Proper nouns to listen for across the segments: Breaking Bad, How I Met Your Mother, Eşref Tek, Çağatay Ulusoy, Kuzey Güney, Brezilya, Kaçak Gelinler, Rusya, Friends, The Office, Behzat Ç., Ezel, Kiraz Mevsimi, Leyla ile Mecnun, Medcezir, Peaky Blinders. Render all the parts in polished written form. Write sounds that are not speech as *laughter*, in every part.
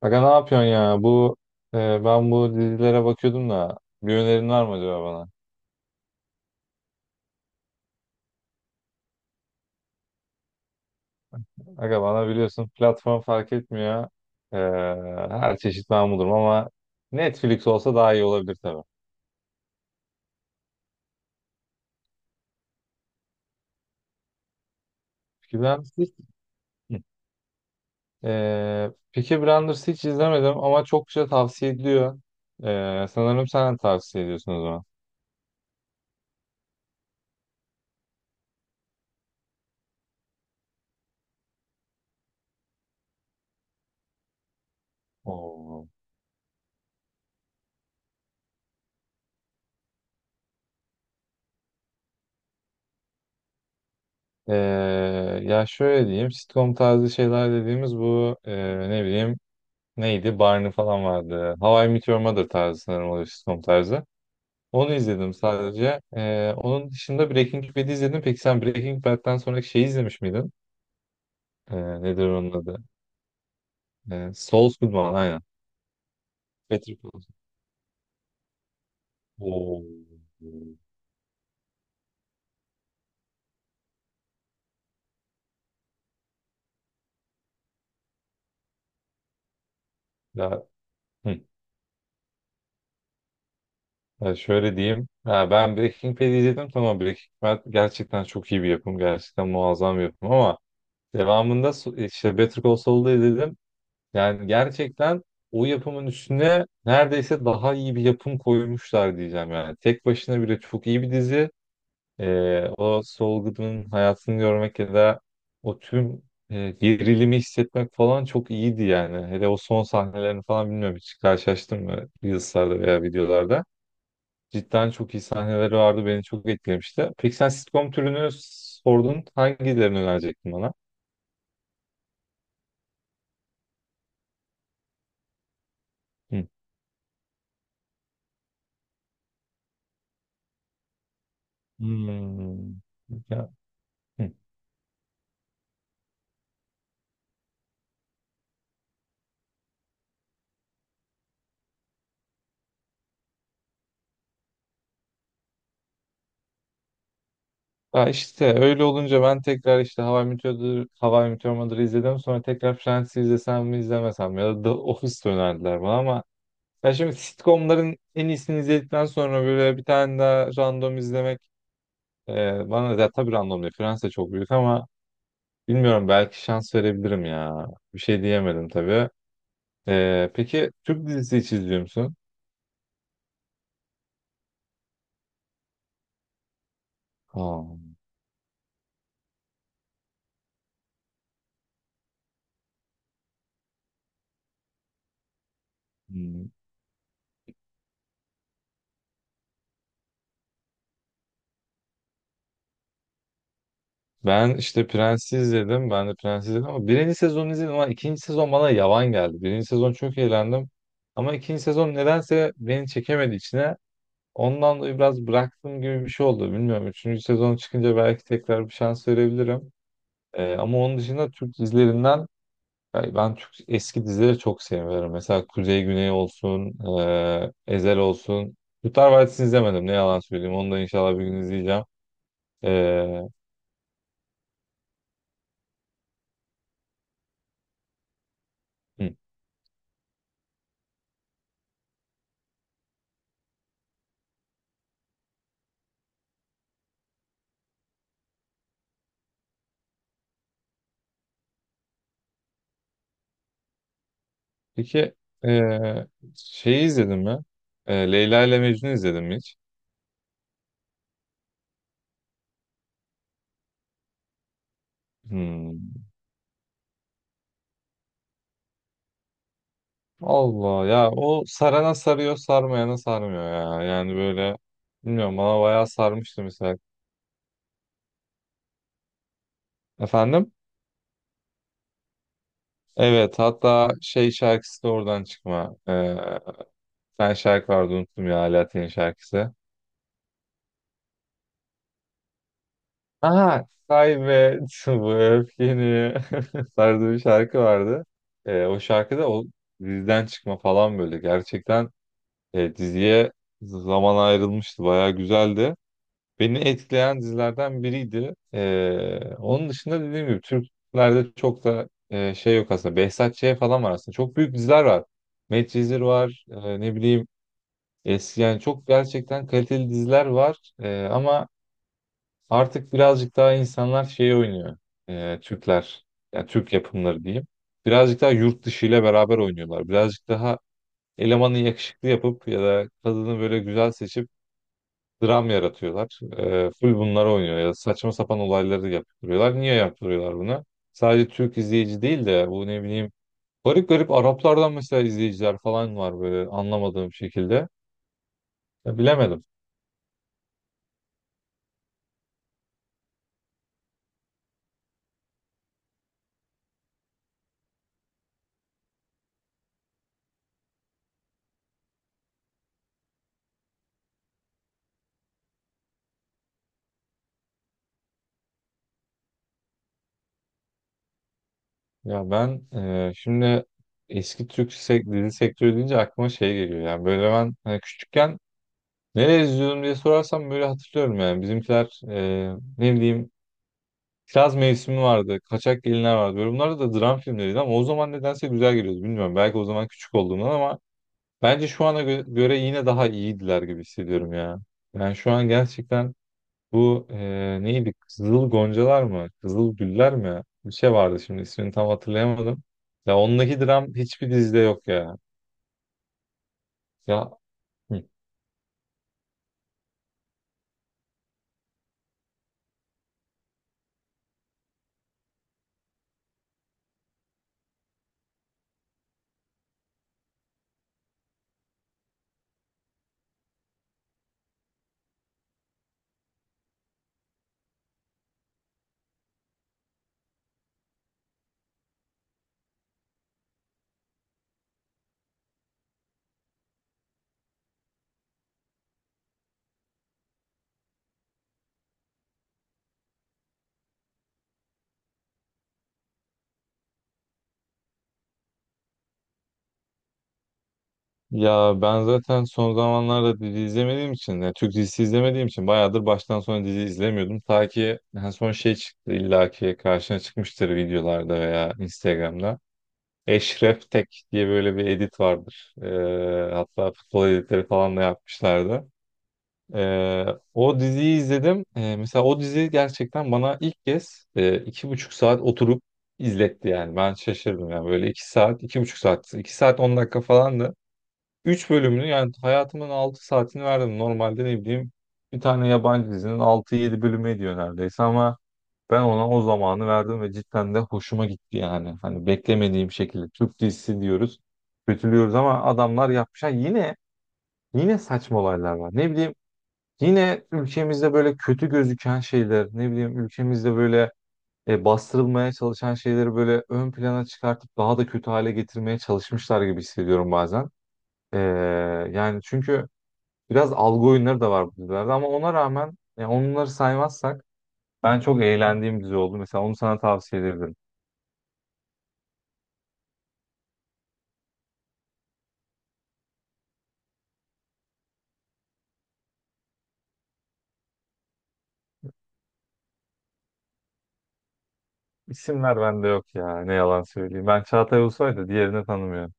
Aga ne yapıyorsun ya? Bu e, ben bu dizilere bakıyordum da bir önerin var mı acaba bana? Aga bana biliyorsun platform fark etmiyor. E, her çeşit ben bulurum ama Netflix olsa daha iyi olabilir tabii. Peaky Blinders hiç, Peaky Blinders hiç izlemedim ama çok güzel tavsiye ediliyor. Sanırım sen de tavsiye ediyorsun o zaman. Oo. E, ya şöyle diyeyim, sitcom tarzı şeyler dediğimiz ne bileyim. Neydi? Barney falan vardı. How I Met Your Mother tarzı, sanırım o da sitcom tarzı. Onu izledim sadece. Onun dışında Breaking Bad'i izledim. Peki sen Breaking Bad'den sonraki şeyi izlemiş miydin? Ee, nedir onun adı? Saul Goodman, aynen. Patrick Wilson. Oo. Ya, hı. Ya şöyle diyeyim. Ha, ben Breaking Bad'i izledim. Tamam, Breaking Bad gerçekten çok iyi bir yapım. Gerçekten muazzam bir yapım, ama devamında işte Better Call Saul'da izledim. Yani gerçekten o yapımın üstüne neredeyse daha iyi bir yapım koymuşlar diyeceğim yani. Tek başına bile çok iyi bir dizi. O Saul Goodman'ın hayatını görmek ya da o tüm gerilimi hissetmek falan çok iyiydi yani. Hele o son sahnelerini falan, bilmiyorum, hiç karşılaştın mı Reels'larda veya videolarda? Cidden çok iyi sahneleri vardı, beni çok etkilemişti. Peki sen sitcom türünü sordun, hangilerini önerecektin bana? Hı. Hmm. Ya. Hı. Ya işte öyle olunca ben tekrar işte How I Met Your Mother'ı izledim. Sonra tekrar Friends'i izlesem mi izlemesem mi? Ya da The Office önerdiler bana ama ya, şimdi sitcomların en iyisini izledikten sonra böyle bir tane daha random izlemek bana da, tabii random değil. Friends de çok büyük ama bilmiyorum, belki şans verebilirim ya. Bir şey diyemedim tabii. Peki Türk dizisi hiç izliyor musun? Aa. Ben işte Prens'i izledim. Ben de Prens'i izledim ama birinci sezonu izledim, ama ikinci sezon bana yavan geldi. Birinci sezon çok eğlendim. Ama ikinci sezon nedense beni çekemedi içine. Ondan dolayı biraz bıraktım gibi bir şey oldu. Bilmiyorum, üçüncü sezon çıkınca belki tekrar bir şans verebilirim. Ama onun dışında Türk dizilerinden, yani ben Türk eski dizileri çok seviyorum. Mesela Kuzey Güney olsun, Ezel olsun. Kurtlar Vadisi'ni izlemedim, ne yalan söyleyeyim. Onu da inşallah bir gün izleyeceğim. Ee, hı. Peki eee, şeyi izledin mi? Leyla ile Mecnun izledin mi hiç? Hmm. Allah ya, o sarana sarıyor, sarmayana sarmıyor ya. Yani böyle, bilmiyorum, bana bayağı sarmıştı mesela. Efendim? Evet, hatta şey, şarkısı da oradan çıkma. Ben, şarkı vardı, unuttum ya, Alaaddin'in şarkısı. Aha, kaybet bu öfkeni *laughs* tarzı bir şarkı vardı. O şarkı o dizden çıkma falan, böyle gerçekten diziye zaman ayrılmıştı. Bayağı güzeldi. Beni etkileyen dizilerden biriydi. Onun dışında, dediğim gibi, Türklerde çok da şey yok aslında. Behzat Ç. falan var aslında. Çok büyük diziler var. Medcezir var. Ne bileyim, eski, yani çok gerçekten kaliteli diziler var. Ama artık birazcık daha insanlar şey oynuyor. Türkler. Yani Türk yapımları diyeyim. Birazcık daha yurt dışı ile beraber oynuyorlar. Birazcık daha elemanı yakışıklı yapıp ya da kadını böyle güzel seçip dram yaratıyorlar. Full bunları oynuyor ya da saçma sapan olayları yaptırıyorlar. Niye yaptırıyorlar bunu? Sadece Türk izleyici değil de bu, ne bileyim, garip garip Araplardan mesela izleyiciler falan var böyle, anlamadığım şekilde. Ya, bilemedim. Ya ben şimdi eski Türk sek dizi sektörü deyince aklıma şey geliyor. Yani böyle, ben hani küçükken nereye izliyordum diye sorarsam böyle hatırlıyorum yani. Bizimkiler, ne bileyim, Kiraz Mevsimi vardı. Kaçak Gelinler vardı. Böyle, bunlar da dram filmleriydi ama o zaman nedense güzel geliyordu. Bilmiyorum, belki o zaman küçük olduğumdan, ama bence şu ana göre yine daha iyiydiler gibi hissediyorum ya. Yani şu an gerçekten, bu neydi? Kızıl Goncalar mı? Kızıl Güller mi? Bir şey vardı, şimdi ismini tam hatırlayamadım. Ya ondaki dram hiçbir dizide yok ya. Ya Ya ben zaten son zamanlarda dizi izlemediğim için, yani Türk dizisi izlemediğim için, bayağıdır baştan sona dizi izlemiyordum. Ta ki en son şey çıktı, illaki karşına çıkmıştır videolarda veya Instagram'da. Eşref Tek diye böyle bir edit vardır. Hatta futbol editleri falan da yapmışlardı. Ee, o diziyi izledim. Mesela o dizi gerçekten bana ilk kez 2,5 saat oturup izletti yani. Ben şaşırdım yani, böyle 2 saat, 2,5 saat, 2 saat 10 dakika falandı. 3 bölümünü, yani hayatımın 6 saatini verdim. Normalde, ne bileyim, bir tane yabancı dizinin 6-7 bölümü ediyor neredeyse, ama ben ona o zamanı verdim ve cidden de hoşuma gitti yani. Hani, beklemediğim şekilde, Türk dizisi diyoruz, kötülüyoruz ama adamlar yapmış. Ha, yine saçma olaylar var. Ne bileyim, yine ülkemizde böyle kötü gözüken şeyler, ne bileyim, ülkemizde böyle bastırılmaya çalışan şeyleri böyle ön plana çıkartıp daha da kötü hale getirmeye çalışmışlar gibi hissediyorum bazen. Ee, yani çünkü biraz algı oyunları da var bu dizilerde, ama ona rağmen, yani onları saymazsak, ben çok eğlendiğim dizi oldu. Mesela onu sana tavsiye ederim. İsimler bende yok ya, ne yalan söyleyeyim. Ben Çağatay Ulusoy da diğerini tanımıyorum.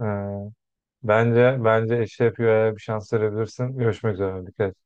Ee, bence Eşref Rüya'ya bir şans verebilirsin. Görüşmek üzere. Dikkat et.